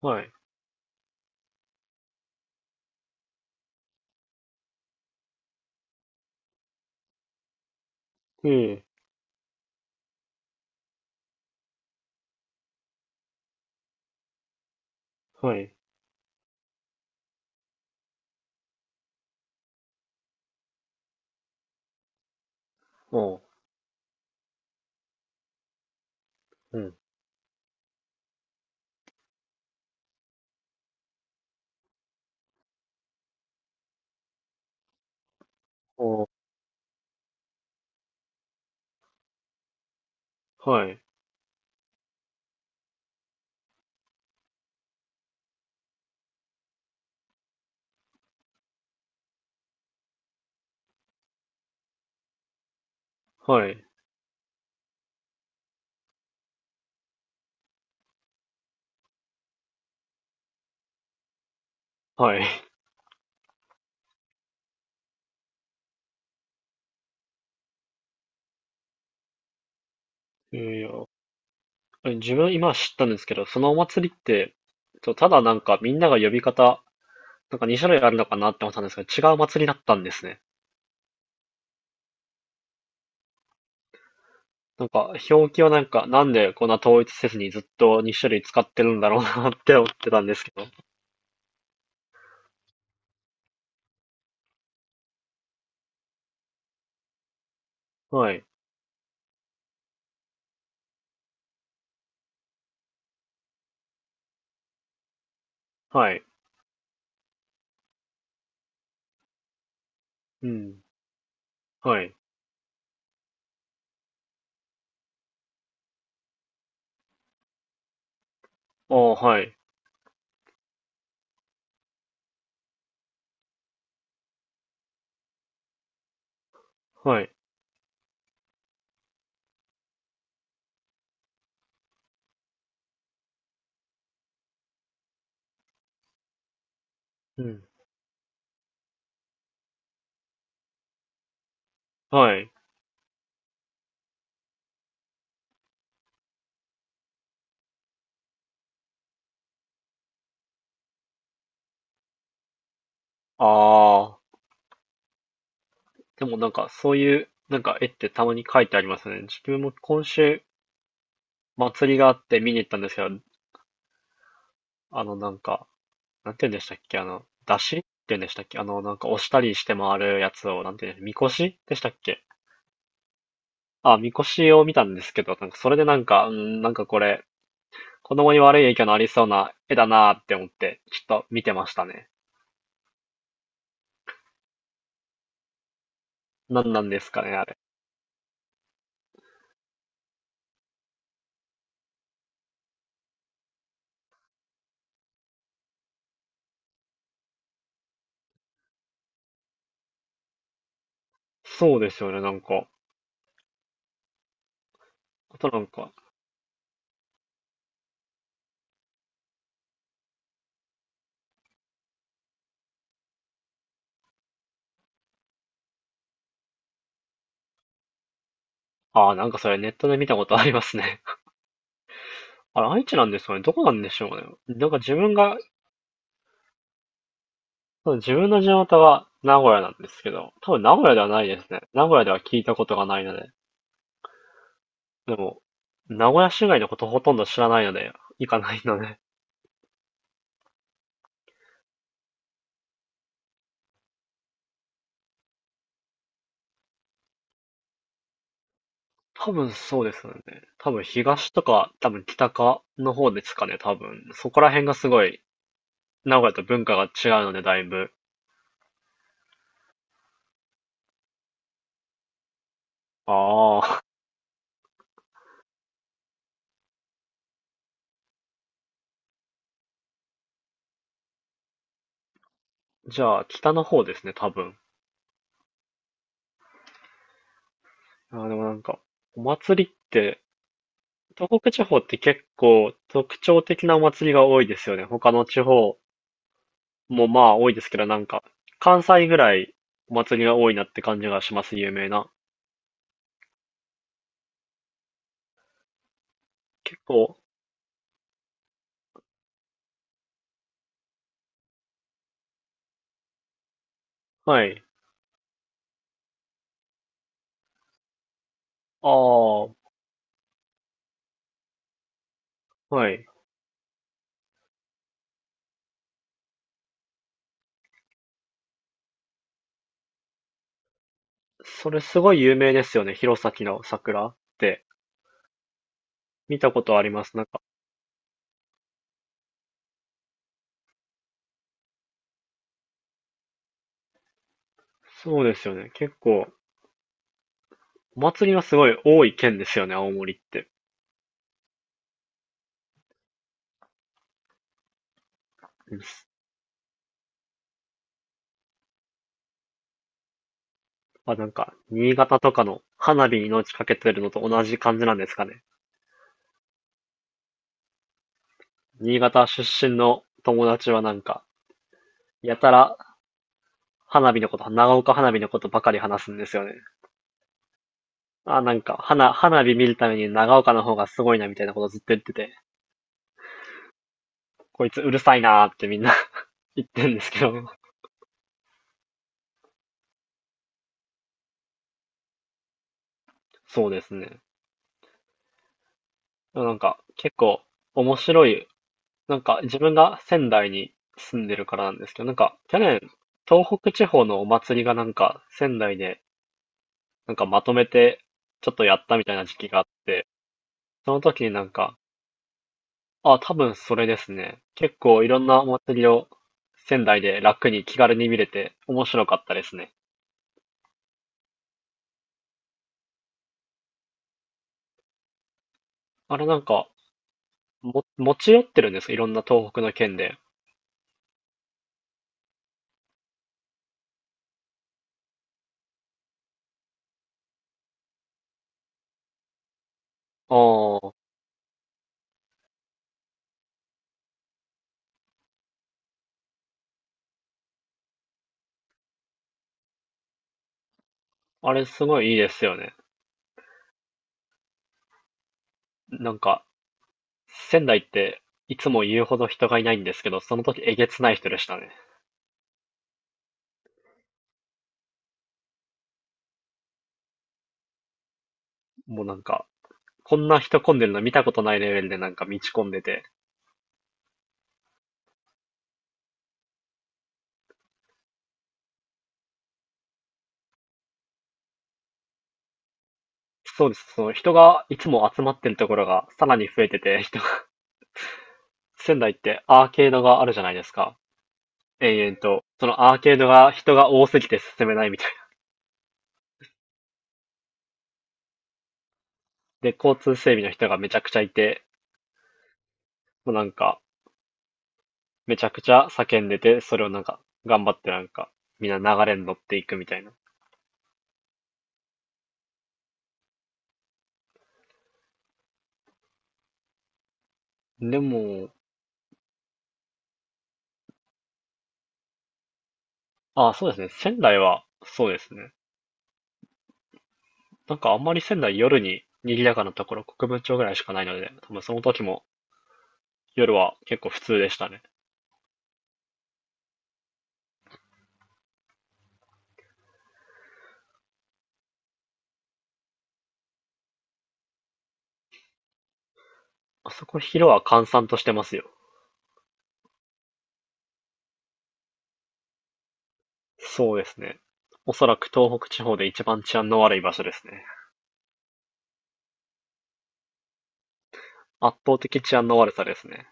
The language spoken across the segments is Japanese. はい。ええ、はい。おう、うん。おう、はい、はい、はい。ええ、いや、あれ自分今知ったんですけど、そのお祭りって、とただなんかみんなが呼び方、なんか2種類あるのかなって思ったんですけど、違う祭りだったんですね。なんか表記はなんかなんでこんな統一せずにずっとに種類使ってるんだろうなって 思ってたんですけど。はい、はい、うん、はい。おーはい、はい、うん、はい。ああ。でもなんかそういうなんか絵ってたまに描いてありますね。自分も今週祭りがあって見に行ったんですけど、なんか、なんて言うんでしたっけ、出汁って言うんでしたっけ、なんか押したりして回るやつを、なんて言うんでみこしでしたっけ。あ、みこしを見たんですけど、なんかそれでなんか、うん、なんかこれ、子供に悪い影響のありそうな絵だなーって思って、ちょっと見てましたね。なんなんですかね、あれ。そうですよね、なんか。あとなんか、ああ、なんかそれネットで見たことありますね。あれ、愛知なんですかねどこなんでしょうね。なんか自分が、そう自分の地元は名古屋なんですけど、多分名古屋ではないですね。名古屋では聞いたことがないので。でも、名古屋市外のことほとんど知らないので、行かないので。多分そうですよね。多分東とか、多分北かの方ですかね、多分。そこら辺がすごい、名古屋と文化が違うので、だいぶ。ああ。じゃあ、北の方ですね、多分。あーでもなんか、お祭りって、東北地方って結構特徴的なお祭りが多いですよね。他の地方もまあ多いですけど、なんか関西ぐらいお祭りが多いなって感じがします、有名な。結構、はい。ああ、はい。それすごい有名ですよね。弘前の桜って見たことあります。なんか、そうですよね。結構、お祭りがすごい多い県ですよね、青森って。うんあ、なんか、新潟とかの花火に命かけてるのと同じ感じなんですかね。新潟出身の友達はなんか、やたら花火のこと、長岡花火のことばかり話すんですよね。あ、なんか、花火見るために長岡の方がすごいなみたいなことずっと言ってて、こいつうるさいなーってみんな 言ってるんですけど。そうですね。なんか、結構面白い。なんか、自分が仙台に住んでるからなんですけど、なんか、去年、東北地方のお祭りがなんか、仙台で、なんかまとめて、ちょっとやったみたいな時期があって、その時になんか、あ、多分それですね。結構いろんなお祭りを仙台で楽に気軽に見れて面白かったですね。あれなんか、持ち寄ってるんですかいろんな東北の県で。ああ、あれすごいいいですよね。なんか、仙台っていつも言うほど人がいないんですけど、その時えげつない人でしたね。もうなんか、こんな人混んでるの見たことないレベルでなんか道混んでて。そうです。その人がいつも集まってるところがさらに増えてて、人が、仙台ってアーケードがあるじゃないですか。延々と、そのアーケードが人が多すぎて進めないみたいな。で、交通整備の人がめちゃくちゃいて、もうなんか、めちゃくちゃ叫んでて、それをなんか、頑張ってなんか、みんな流れに乗っていくみたいな。でも、あ、そうですね。仙台は、そうですね。なんかあんまり仙台夜に賑やかなところ、国分町ぐらいしかないので、多分その時も夜は結構普通でしたね。あそこ昼は閑散としてますよ。そうですね。おそらく東北地方で一番治安の悪い場所ですね。圧倒的治安の悪さですね。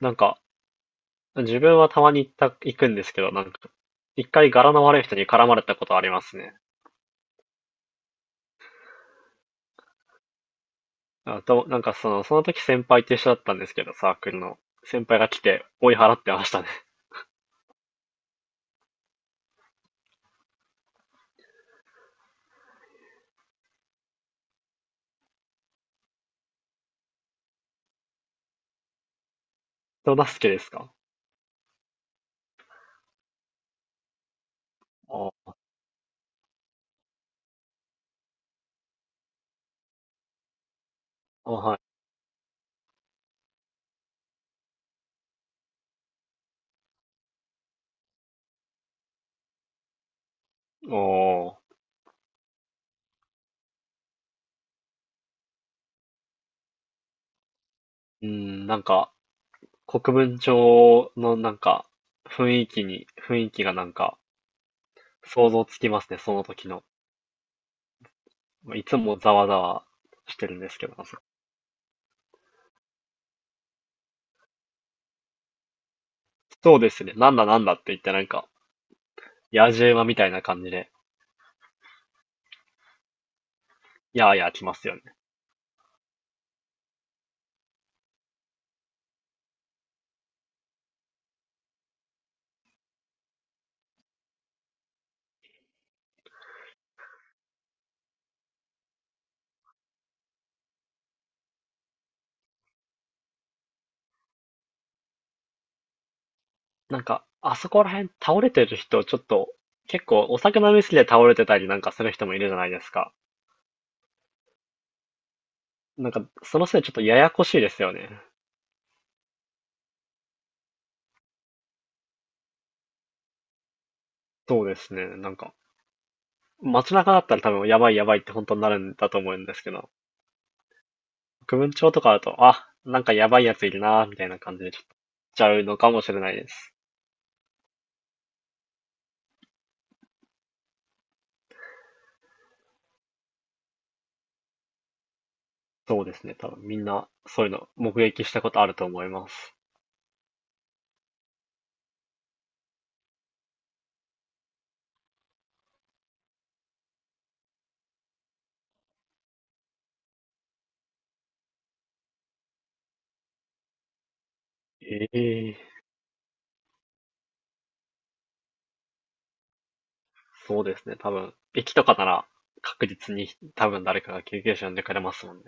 なんか、自分はたまに行った、行くんですけど、なんか、一回柄の悪い人に絡まれたことありますね。あと、なんかその時先輩と一緒だったんですけど、サークルの。先輩が来て追い払ってましたね。人助けですかああ、はい。おー。うん、なんか、国分町のなんか、雰囲気がなんか、想像つきますね、その時の。まあいつもざわざわしてるんですけど、そうですね、なんだなんだって言ってなんか、野次馬みたいな感じで、やーやー来ますよね。なんか、あそこら辺倒れてる人、ちょっと、結構お酒飲みすぎて倒れてたりなんかする人もいるじゃないですか。なんか、そのせいでちょっとややこしいですよね。そうですね。なんか、街中だったら多分やばいやばいって本当になるんだと思うんですけど、区分庁とかだと、あ、なんかやばいやついるなーみたいな感じでちょっと、ちゃうのかもしれないです。そうですね。多分みんなそういうの目撃したことあると思います。ええそうですね、多分。駅とかなら確実に多分誰かが救急車呼んでくれますもんね。